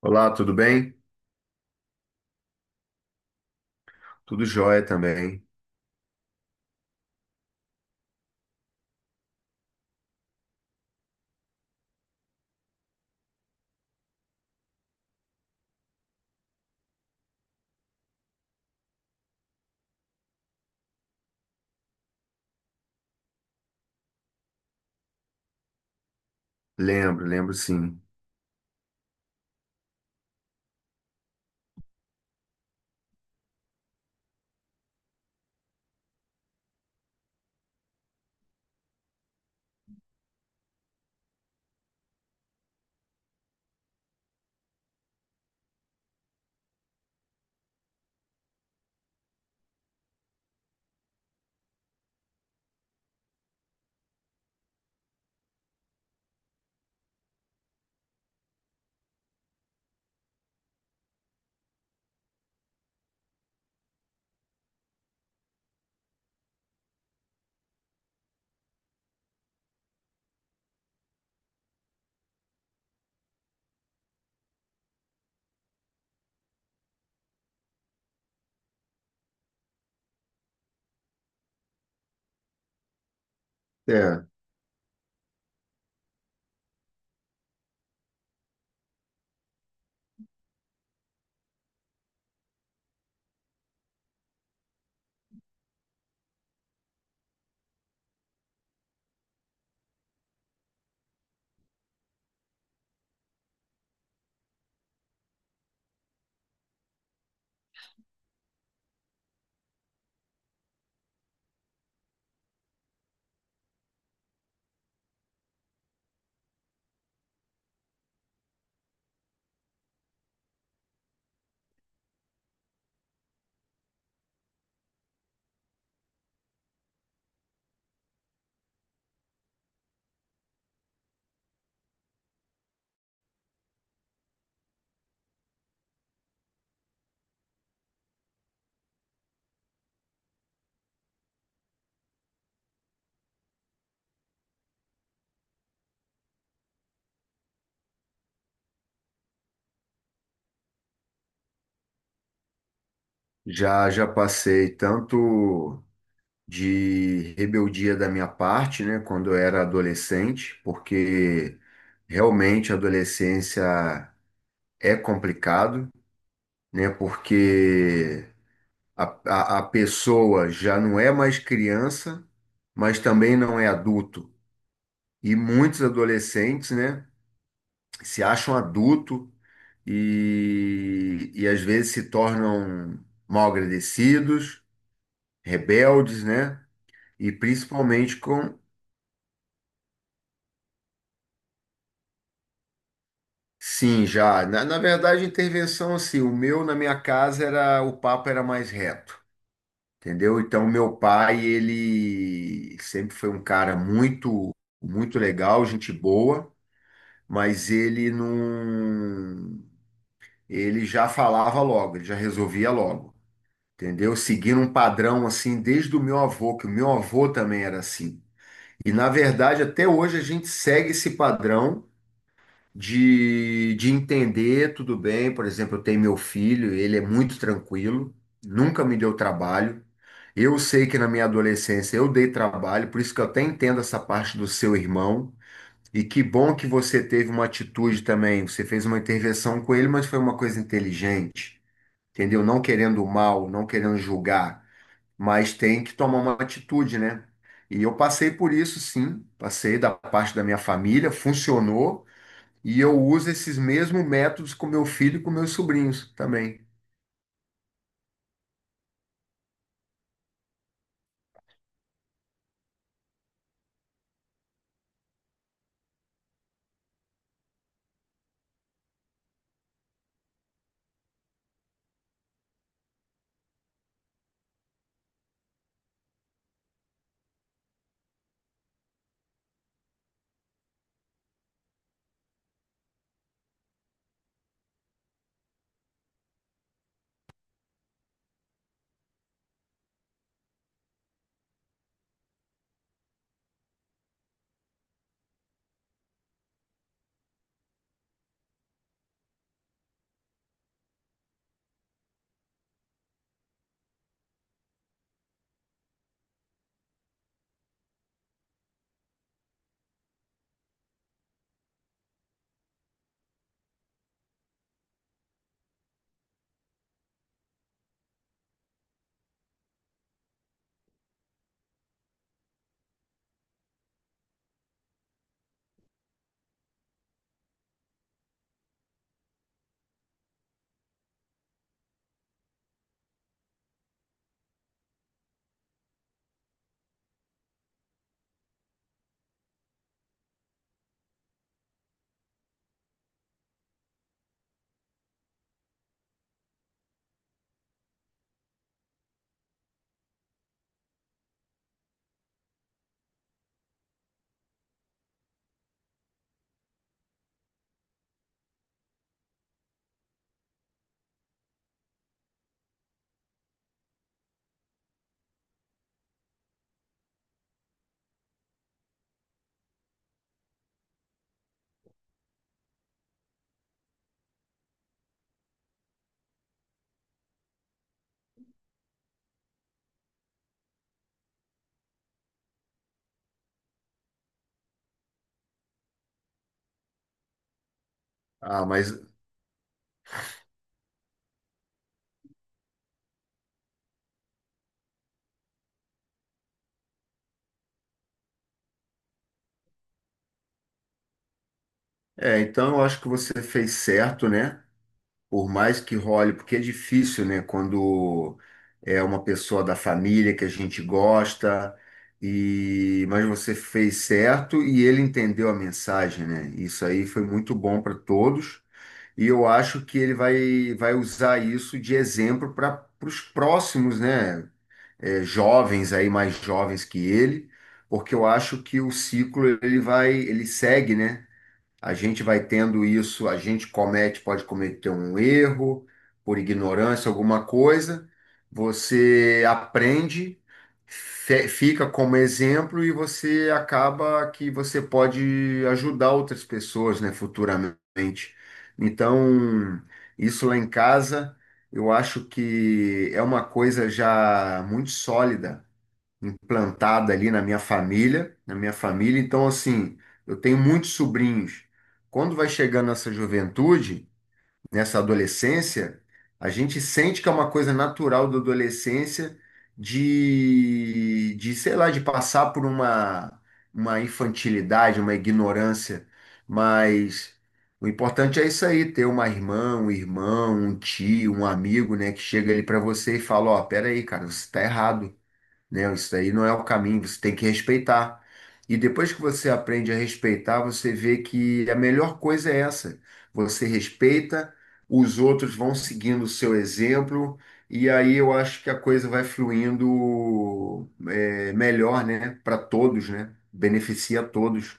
Olá, tudo bem? Tudo jóia também. Lembro, sim. É, já já passei tanto de rebeldia da minha parte, né, quando eu era adolescente, porque realmente a adolescência é complicado, né, porque a pessoa já não é mais criança, mas também não é adulto. E muitos adolescentes, né? Se acham adulto e, às vezes se tornam mal agradecidos, rebeldes, né? E principalmente com. Sim, já. Na verdade, a intervenção, assim, o meu na minha casa era. O papo era mais reto, entendeu? Então, meu pai, ele sempre foi um cara muito legal, gente boa, mas ele não. Ele já falava logo, ele já resolvia logo. Entendeu? Seguindo um padrão assim desde o meu avô, que o meu avô também era assim. E na verdade, até hoje a gente segue esse padrão de entender tudo bem. Por exemplo, eu tenho meu filho, ele é muito tranquilo, nunca me deu trabalho. Eu sei que na minha adolescência eu dei trabalho, por isso que eu até entendo essa parte do seu irmão. E que bom que você teve uma atitude também. Você fez uma intervenção com ele, mas foi uma coisa inteligente, entendeu? Não querendo o mal, não querendo julgar, mas tem que tomar uma atitude, né? E eu passei por isso, sim, passei da parte da minha família, funcionou, e eu uso esses mesmos métodos com meu filho e com meus sobrinhos também. Ah, mas é, então eu acho que você fez certo, né? Por mais que role, porque é difícil, né? Quando é uma pessoa da família que a gente gosta, e mas você fez certo e ele entendeu a mensagem, né? Isso aí foi muito bom para todos. E eu acho que ele vai usar isso de exemplo para os próximos, né, jovens aí, mais jovens que ele, porque eu acho que o ciclo ele vai, ele segue, né? A gente vai tendo isso, a gente comete, pode cometer um erro por ignorância, alguma coisa. Você aprende, fica como exemplo e você acaba que você pode ajudar outras pessoas, né, futuramente. Então, isso lá em casa, eu acho que é uma coisa já muito sólida implantada ali na minha família, na minha família. Então, assim, eu tenho muitos sobrinhos. Quando vai chegando nessa juventude, nessa adolescência, a gente sente que é uma coisa natural da adolescência sei lá, de passar por uma infantilidade, uma ignorância, mas o importante é isso aí, ter uma irmã, um irmão, um tio, um amigo, né, que chega ali para você e fala, ó, pera aí, cara, você tá errado, né? Isso daí não é o caminho, você tem que respeitar. E depois que você aprende a respeitar, você vê que a melhor coisa é essa. Você respeita, os outros vão seguindo o seu exemplo, e aí eu acho que a coisa vai fluindo melhor, né? Para todos, né? Beneficia a todos.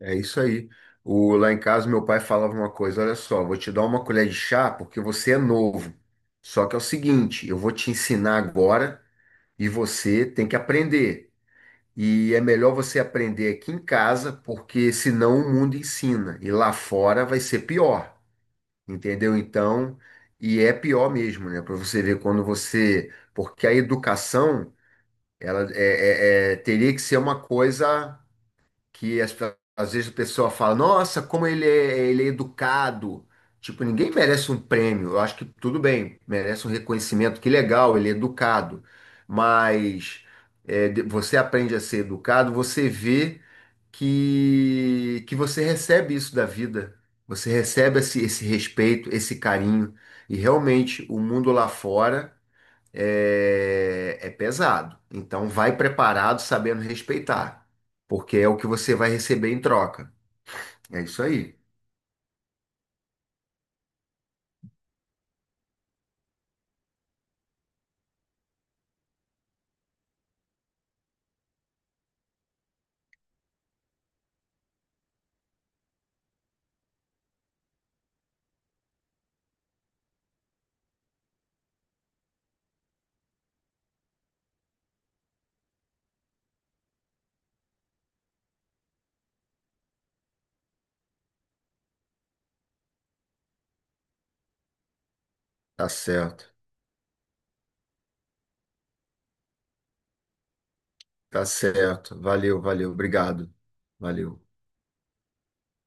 É isso aí. O, lá em casa, meu pai falava uma coisa: olha só, vou te dar uma colher de chá porque você é novo. Só que é o seguinte, eu vou te ensinar agora, e você tem que aprender. E é melhor você aprender aqui em casa, porque senão o mundo ensina e lá fora vai ser pior, entendeu? Então, e é pior mesmo, né? Para você ver quando você, porque a educação ela teria que ser uma coisa que as- às vezes a pessoa fala, nossa, como ele é educado. Tipo, ninguém merece um prêmio. Eu acho que tudo bem, merece um reconhecimento, que legal, ele é educado. Mas você aprende a ser educado, você vê que você recebe isso da vida. Você recebe esse respeito, esse carinho. E realmente, o mundo lá fora é pesado. Então, vai preparado, sabendo respeitar, porque é o que você vai receber em troca. É isso aí. Tá certo, tá certo. Valeu, valeu, obrigado. Valeu.